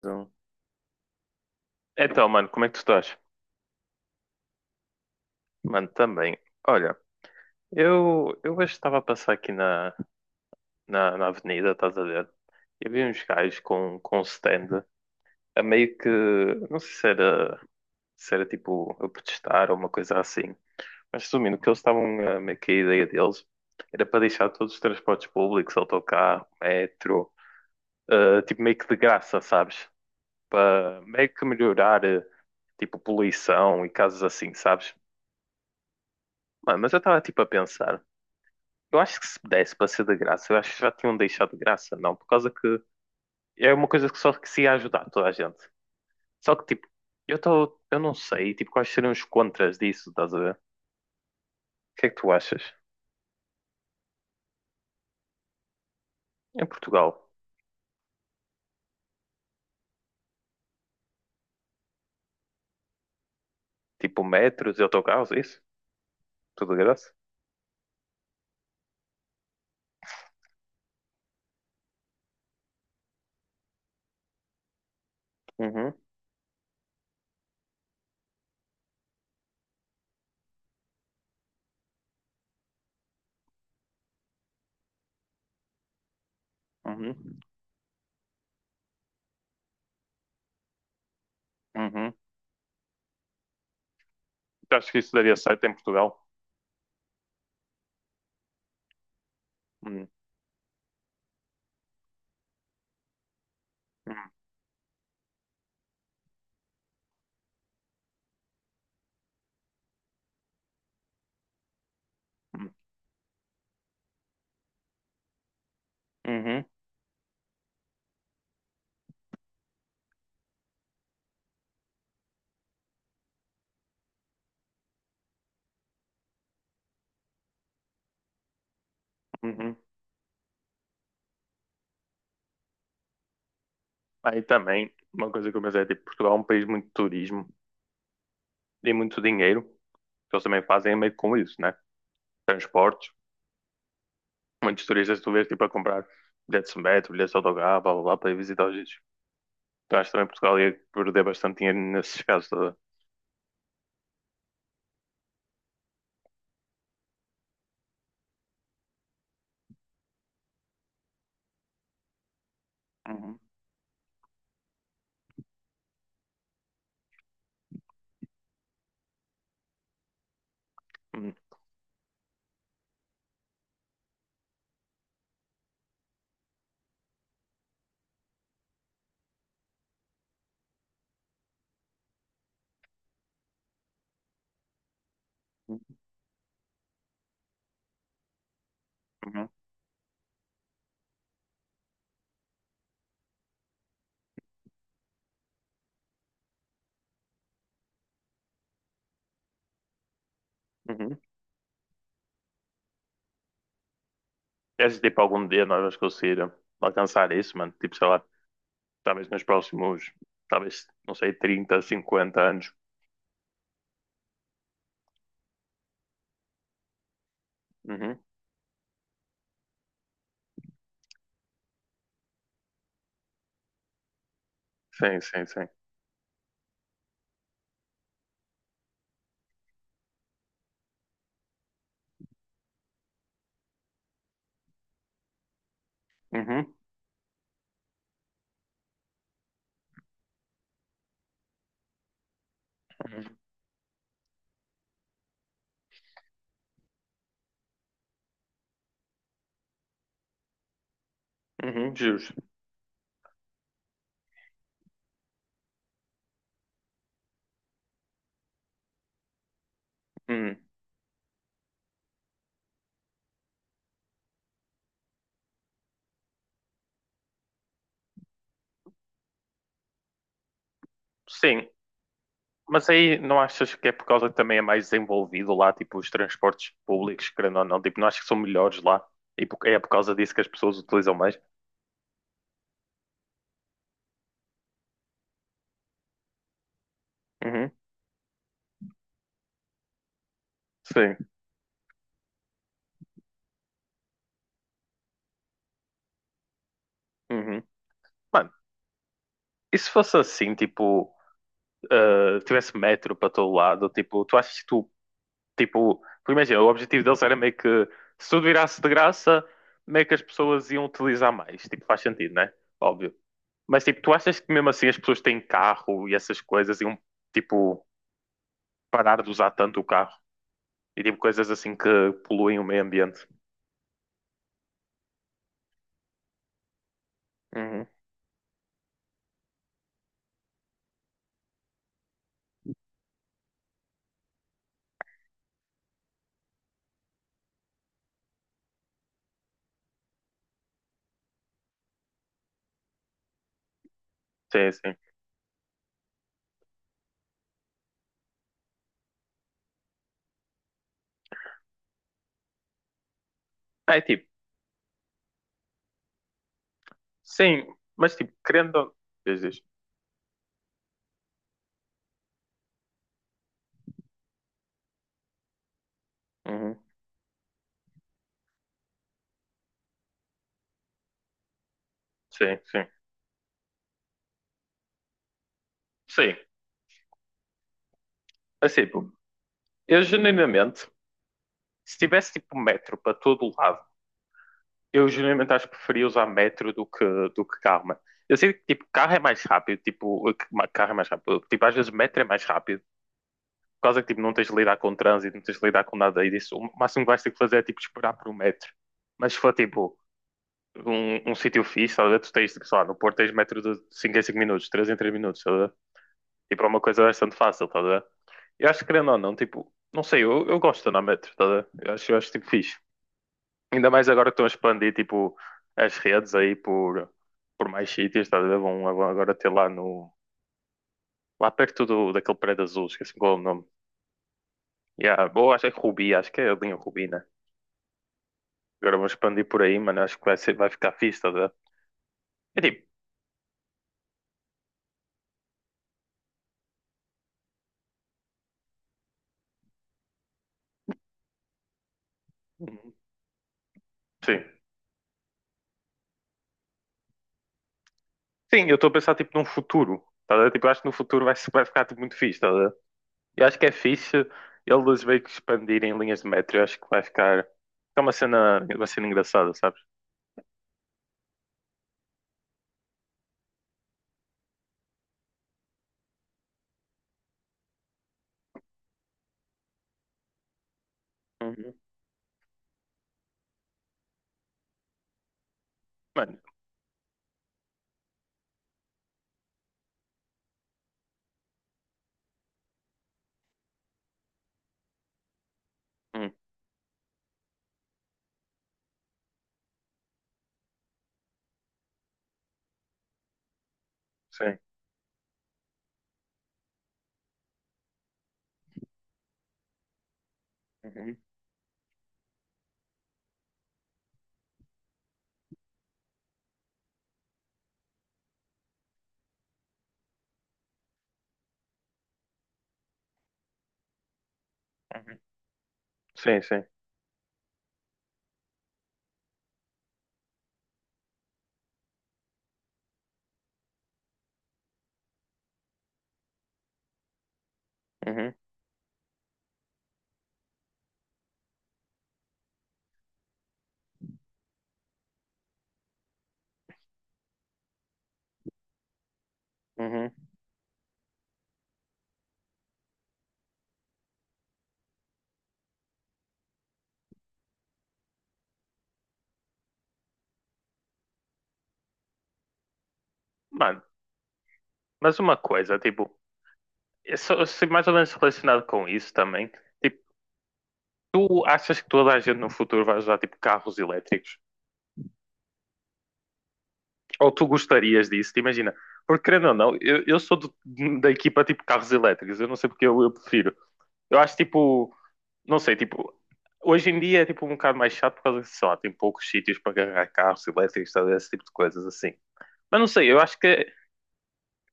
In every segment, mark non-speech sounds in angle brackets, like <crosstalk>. Então, Então, mano, como é que tu estás? Mano, também. Olha, eu hoje estava a passar aqui na avenida, estás a ver? E vi uns gajos com um stand a meio que. Não sei se era tipo a protestar ou uma coisa assim. Mas resumindo, o que eles estavam a meio que a ideia deles era para deixar todos os transportes públicos, autocarro, metro, tipo meio que de graça, sabes? Para meio que melhorar, tipo, poluição e casos assim, sabes? Mano, mas eu estava tipo a pensar, eu acho que se desse para ser de graça, eu acho que já tinham deixado de graça, não, por causa que é uma coisa que só que se ia ajudar toda a gente. Só que tipo, eu não sei, tipo, quais seriam os contras disso, estás a ver? O que é que tu achas? Em Portugal, tipo metros e autocarros, é isso? Tudo de graça? Uhum, uhum, uhum. Tu achas que isso daria certo em Portugal? Hum, hum, hum, uhum, uhum. Aí também, uma coisa que eu pensei, é, tipo, Portugal é um país muito de turismo e muito dinheiro, que eles também fazem meio com isso, né? Transportes. Muitos turistas tu vês tipo a comprar bilhetes de metro, bilhetes de autocarro, blá blá blá, para ir visitar os sítios. Então acho que também Portugal ia perder bastante dinheiro nesses casos. Tá a ver? Uhum, uhum, uhum, uhum. Queres tipo algum dia nós vamos conseguir alcançar isso, mano? Tipo, sei lá, talvez nos próximos, talvez, não sei, 30, 50 anos. Uhum. Sim, sim, sim. Uhum, uhum, uhum, justo. Uhum. Sim, mas aí não achas que é por causa que também é mais desenvolvido lá, tipo, os transportes públicos, querendo ou não, tipo, não achas que são melhores lá? E por- é por causa disso que as pessoas utilizam mais? Uhum, sim, uhum. Mano, e se fosse assim, tipo, ah, tivesse metro para todo lado, tipo, tu achas que tu, tipo, porque imagina, o objetivo deles era meio que, se tudo virasse de graça, meio que as pessoas iam utilizar mais, tipo, faz sentido, né? Óbvio. Mas tipo, tu achas que mesmo assim as pessoas têm carro e essas coisas iam tipo parar de usar tanto o carro? E tipo coisas assim que poluem o meio ambiente. Uhum. Sim, sim. Ah, é tipo, sim, mas tipo, Diz, diz. Uhum. Sim, sim. Sim. Assim, tipo, eu genuinamente, se tivesse tipo um metro para todo lado, eu genuinamente acho que preferia usar metro do que, carro, mano. Eu sei que tipo, carro é mais rápido, tipo, carro é mais rápido. Tipo, às vezes metro é mais rápido. Por causa que tipo, não tens de lidar com trânsito, não tens de lidar com nada e disso. O máximo que vais ter que fazer é tipo esperar por um metro. Mas se for tipo um sítio fixe, estás a ver? Tu tens, sei lá, no Porto tens metro de 5 em 5 minutos, 3 em 3 minutos, estás a ver? Tipo, é uma coisa bastante fácil, estás a ver? Eu acho que querendo ou não, tipo, não sei, eu gosto de andar a metro, estás a ver? Eu acho tipo fixe. Ainda mais agora que estão a expandir, tipo, as redes aí por mais sítios, estás a ver? Vão, agora ter lá no. Lá perto do, daquele prédio azul, esqueci qual é o nome. Yeah, ou acho que é Rubi, acho que é a linha Rubi, né? Agora vão expandir por aí, mano, acho que vai ficar fixe, estás a ver? É tipo, sim. Sim, eu estou a pensar tipo num futuro. Tá a ver? Tipo, eu acho que no futuro vai, se- <laughs> vai ficar tipo, muito fixe. Tá a ver? Eu acho que é fixe eles meio que expandirem linhas de metro. Eu acho que vai ficar. É uma cena engraçada, sabes? Uhum. Mano, hum, sim. Uhum. Uhum. Sim, sim. Uhum. Uhum. Mano, mas uma coisa, tipo, eu mais ou menos relacionado com isso também. Tipo, tu achas que toda a gente no futuro vai usar tipo carros elétricos? Ou tu gostarias disso, te imagina. Porque querendo ou não, eu sou da equipa tipo carros elétricos, eu não sei porque eu prefiro. Eu acho tipo, não sei, tipo, hoje em dia é tipo um bocado mais chato por causa que, sei lá, tem poucos sítios para carregar carros elétricos, tal, esse tipo de coisas assim. Mas não sei, eu acho que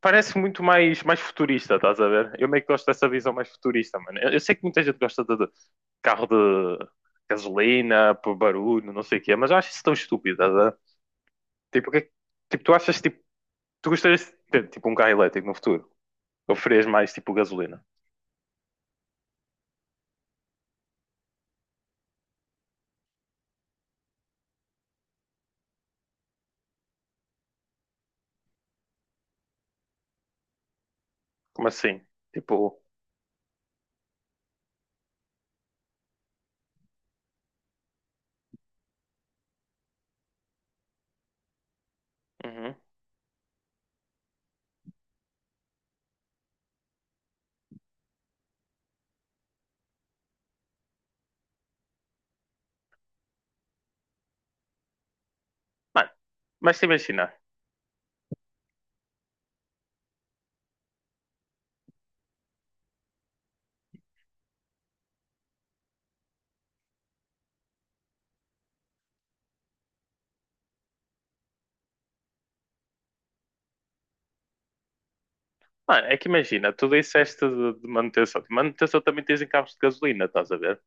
parece muito mais futurista, estás a ver? Eu meio que gosto dessa visão mais futurista, mano. Eu sei que muita gente gosta de carro de gasolina, por barulho, não sei o quê, mas eu acho isso tão estúpido, estás a ver? Tipo, o que é que- tipo, tu achas tipo Tu gostarias de ter tipo um carro elétrico no futuro? Ou farias mais tipo gasolina? Como assim? Tipo, uhum. Mano, mas te imagina, mano, é que imagina, tu disseste de manutenção. De manutenção também tens em carros de gasolina, estás a ver?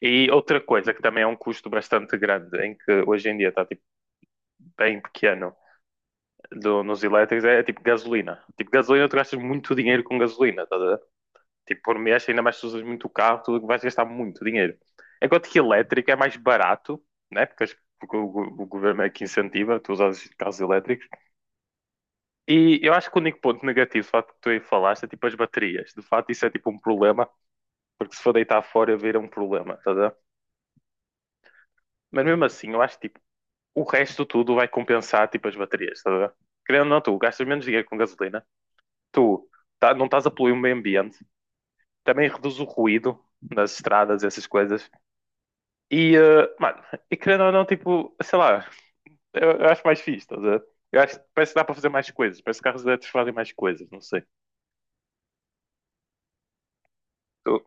E outra coisa que também é um custo bastante grande, em que hoje em dia está tipo, bem pequeno nos elétricos, é, tipo gasolina. Tipo, gasolina, tu gastas muito dinheiro com gasolina, tá? Tipo, por mês, ainda mais se usas muito o carro, tu vais gastar muito dinheiro. Enquanto que elétrico é mais barato, né? Porque, porque o governo é que incentiva, tu usas carros elétricos. E eu acho que o único ponto negativo, de facto, que tu aí falaste, é tipo as baterias. De facto, isso é tipo um problema, porque se for deitar fora, vira um problema, tá a ver? Mas mesmo assim, eu acho que tipo, o resto tudo vai compensar tipo as baterias, tá a ver? Querendo ou não, tu gastas menos dinheiro com gasolina, tu não estás a poluir o meio ambiente, também reduz o ruído nas estradas, essas coisas. E, mano, e querendo ou não, tipo, sei lá, eu acho mais fixe, estás a ver? Eu acho que parece que dá para fazer mais coisas, parece que carros elétricos fazem mais coisas, não sei. Tu-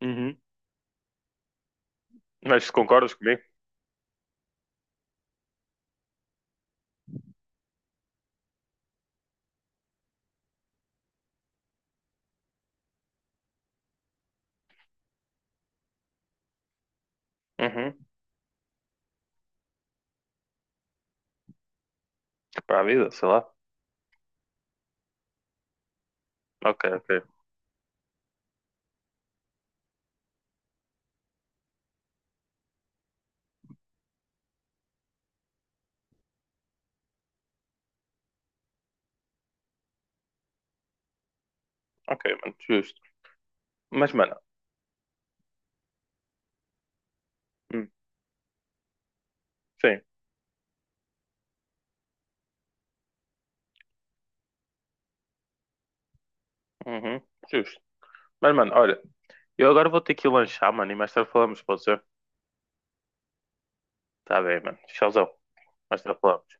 Uhum. Mas concordas comigo? Uhum. Para a vida, sei lá. Ok, ok. Ok, mano, justo. Mas, mano, hum, sim, uhum, justo. Mas, mano, olha, eu agora vou ter que ir lanchar, mano, e mais tarde falamos, pode ser? Tá bem, mano, tchauzão, mais tarde falamos.